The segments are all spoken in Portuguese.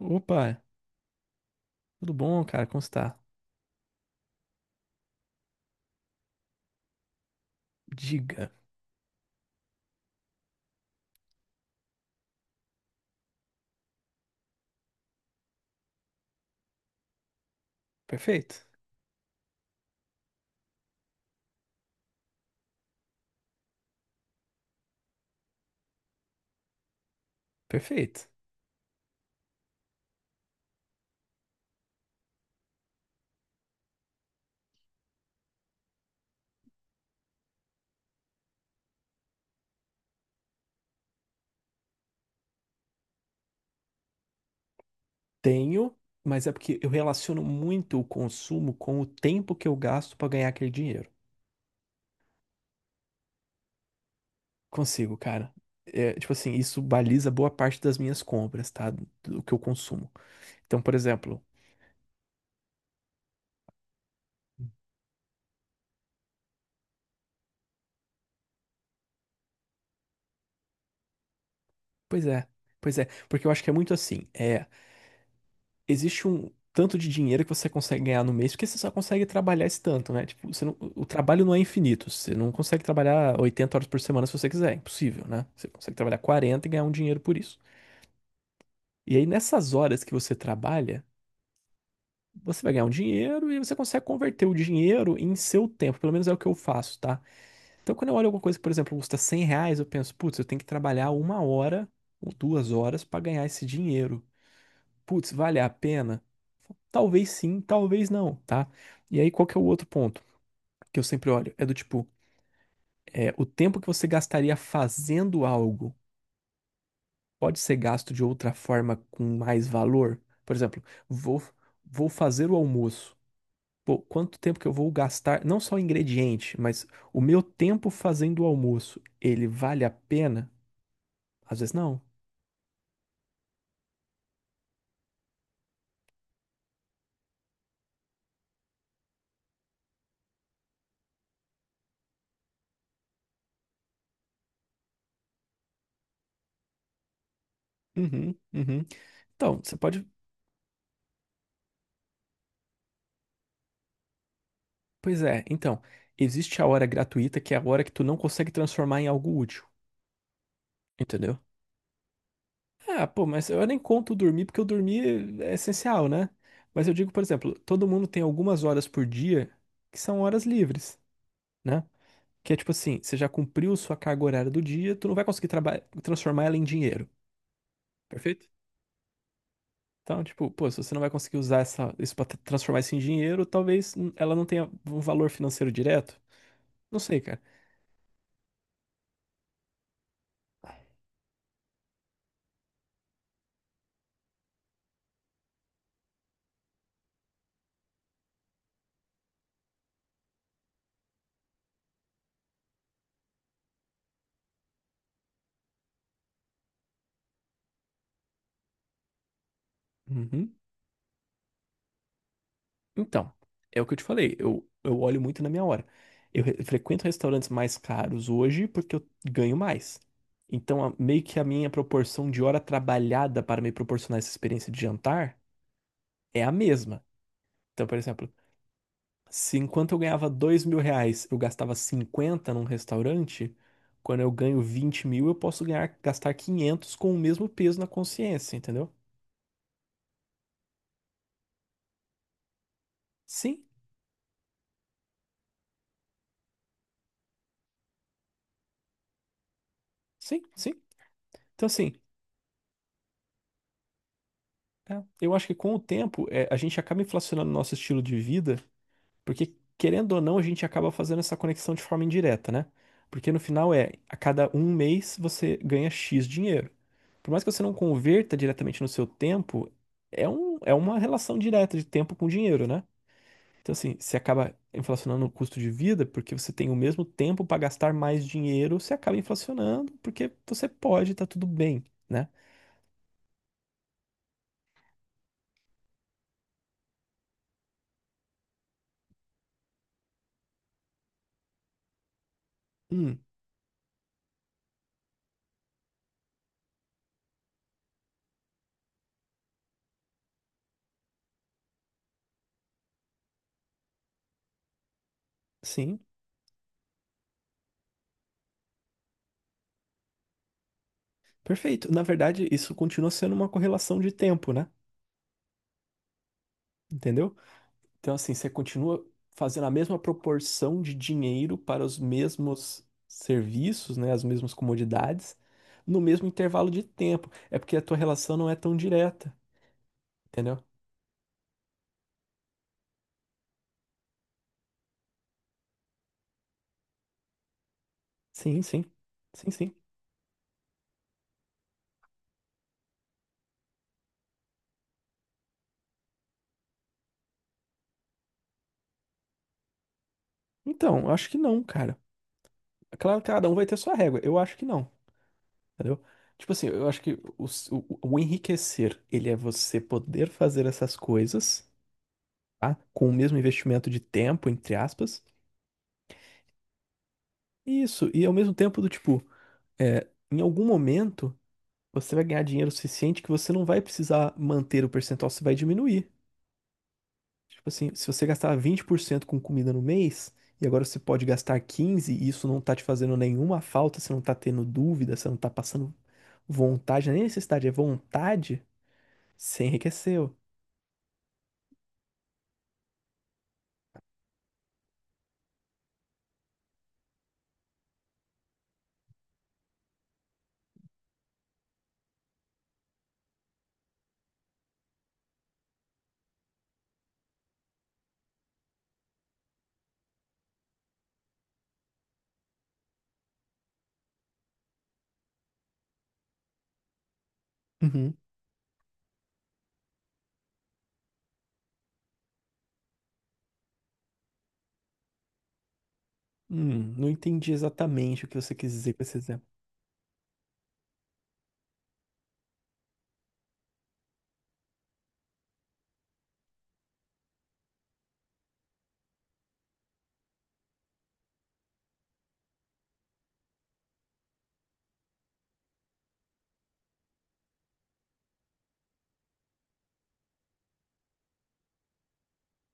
Opa, tudo bom, cara? Como está? Diga. Perfeito. Perfeito. Tenho, mas é porque eu relaciono muito o consumo com o tempo que eu gasto para ganhar aquele dinheiro. Consigo, cara. É, tipo assim, isso baliza boa parte das minhas compras, tá? Do que eu consumo. Então, por exemplo, pois é, pois é, porque eu acho que é muito assim. É. Existe um tanto de dinheiro que você consegue ganhar no mês, porque você só consegue trabalhar esse tanto, né? Tipo, você não- o trabalho não é infinito. Você não consegue trabalhar 80 horas por semana se você quiser, é impossível, né? Você consegue trabalhar 40 e ganhar um dinheiro por isso. E aí, nessas horas que você trabalha, você vai ganhar um dinheiro e você consegue converter o dinheiro em seu tempo. Pelo menos é o que eu faço, tá? Então, quando eu olho alguma coisa que, por exemplo, custa R$ 100, eu penso, putz, eu tenho que trabalhar uma hora ou duas horas para ganhar esse dinheiro. Putz, vale a pena? Talvez sim, talvez não, tá? E aí, qual que é o outro ponto que eu sempre olho? É do tipo, é, o tempo que você gastaria fazendo algo pode ser gasto de outra forma com mais valor? Por exemplo, vou, vou fazer o almoço. Pô, quanto tempo que eu vou gastar, não só o ingrediente, mas o meu tempo fazendo o almoço, ele vale a pena? Às vezes não. Uhum, uhum. Então, você pode. Pois é, então, existe a hora gratuita, que é a hora que tu não consegue transformar em algo útil, entendeu? Ah, pô, mas eu nem conto dormir, porque o dormir é essencial, né? Mas eu digo, por exemplo, todo mundo tem algumas horas por dia que são horas livres, né? Que é tipo assim, você já cumpriu sua carga horária do dia, tu não vai conseguir transformar ela em dinheiro, perfeito? Então, tipo, pô, se você não vai conseguir usar essa, isso pra transformar isso em dinheiro, talvez ela não tenha um valor financeiro direto. Não sei, cara. Uhum. Então, é o que eu te falei, eu olho muito na minha hora. Eu frequento restaurantes mais caros hoje porque eu ganho mais. Então, meio que a minha proporção de hora trabalhada para me proporcionar essa experiência de jantar é a mesma. Então, por exemplo, se enquanto eu ganhava R$ 2.000, eu gastava 50 num restaurante, quando eu ganho 20 mil, eu posso ganhar, gastar 500 com o mesmo peso na consciência, entendeu? Sim, sim, sim. Então, assim, é, eu acho que com o tempo é, a gente acaba inflacionando o nosso estilo de vida, porque querendo ou não, a gente acaba fazendo essa conexão de forma indireta, né? Porque no final é, a cada um mês você ganha X dinheiro. Por mais que você não converta diretamente no seu tempo, é uma relação direta de tempo com dinheiro, né? Então, assim, você acaba inflacionando o custo de vida porque você tem o mesmo tempo para gastar mais dinheiro, você acaba inflacionando porque você pode, tá tudo bem, né? Hum, sim. Perfeito. Na verdade, isso continua sendo uma correlação de tempo, né? Entendeu? Então, assim, você continua fazendo a mesma proporção de dinheiro para os mesmos serviços, né? As mesmas comodidades, no mesmo intervalo de tempo. É porque a tua relação não é tão direta, entendeu? Sim, sim. Sim, sim. Então, eu acho que não, cara. É claro que cada um vai ter sua régua. Eu acho que não, entendeu? Tipo assim, eu acho que o, o enriquecer, ele é você poder fazer essas coisas, tá? Com o mesmo investimento de tempo, entre aspas. Isso, e ao mesmo tempo do tipo, é, em algum momento você vai ganhar dinheiro suficiente que você não vai precisar manter o percentual, você vai diminuir. Tipo assim, se você gastar 20% com comida no mês, e agora você pode gastar 15%, e isso não tá te fazendo nenhuma falta, você não tá tendo dúvida, você não tá passando vontade, nem necessidade, é vontade, você enriqueceu. Uhum. Não entendi exatamente o que você quis dizer com esse exemplo.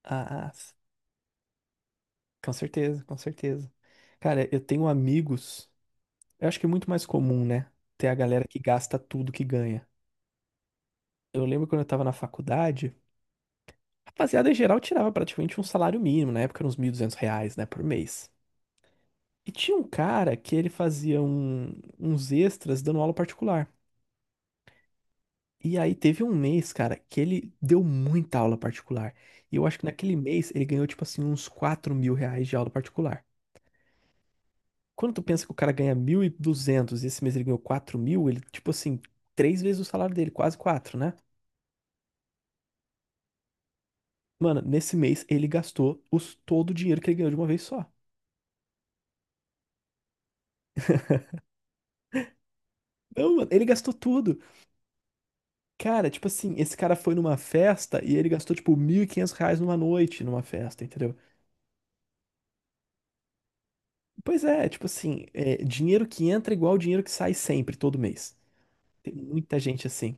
Ah, ah, com certeza, com certeza. Cara, eu tenho amigos. Eu acho que é muito mais comum, né? Ter a galera que gasta tudo que ganha. Eu lembro quando eu tava na faculdade, a rapaziada em geral tirava praticamente um salário mínimo, na época era uns R$ 1.200, né, por mês. E tinha um cara que ele fazia uns extras dando aula particular. E aí teve um mês, cara, que ele deu muita aula particular. E eu acho que naquele mês ele ganhou, tipo assim, uns R$ 4.000 de aula particular. Quando tu pensa que o cara ganha 1.200 e esse mês ele ganhou 4.000 ele, tipo assim, três vezes o salário dele, quase quatro, né? Mano, nesse mês ele gastou os, todo o dinheiro que ele ganhou de uma vez só. Não, mano, ele gastou tudo. Cara, tipo assim, esse cara foi numa festa e ele gastou, tipo, R$ 1.500 numa noite numa festa, entendeu? Pois é, tipo assim, é, dinheiro que entra é igual dinheiro que sai sempre, todo mês. Tem muita gente assim.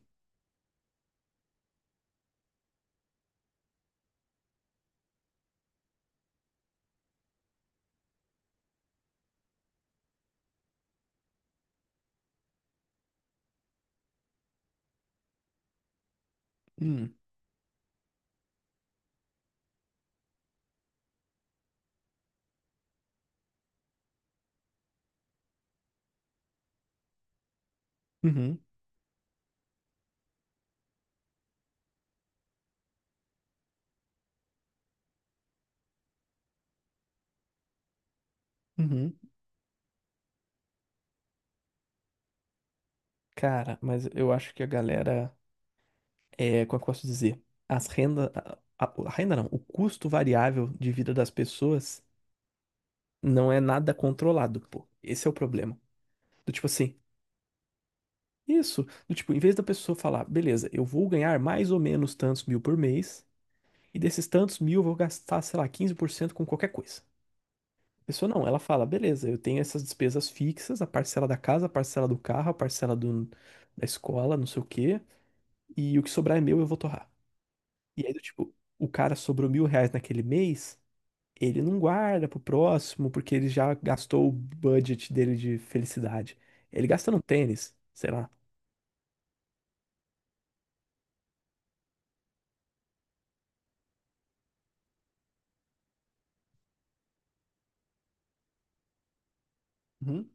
Hum, uhum, uhum. Cara, mas eu acho que a galera. É, como é que eu posso dizer? As renda, a renda não, o custo variável de vida das pessoas não é nada controlado, pô. Esse é o problema. Do tipo assim, isso, do tipo, em vez da pessoa falar, beleza, eu vou ganhar mais ou menos tantos mil por mês, e desses tantos mil eu vou gastar, sei lá, 15% com qualquer coisa. A pessoa não, ela fala, beleza, eu tenho essas despesas fixas, a parcela da casa, a parcela do carro, a parcela do, da escola, não sei o quê, e o que sobrar é meu, eu vou torrar. E aí, do tipo, o cara sobrou R$ 1.000 naquele mês, ele não guarda pro próximo, porque ele já gastou o budget dele de felicidade. Ele gasta no tênis, sei lá. Uhum.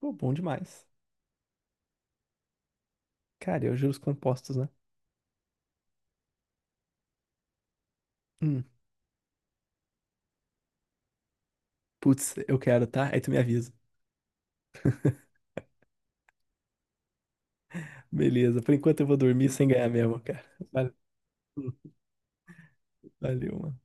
Pô, bom demais. Cara, eu juros compostos, né? Hum. Putz, eu quero, tá? Aí tu me avisa. Beleza, por enquanto eu vou dormir sem ganhar mesmo, cara. Valeu, hum, valeu, mano.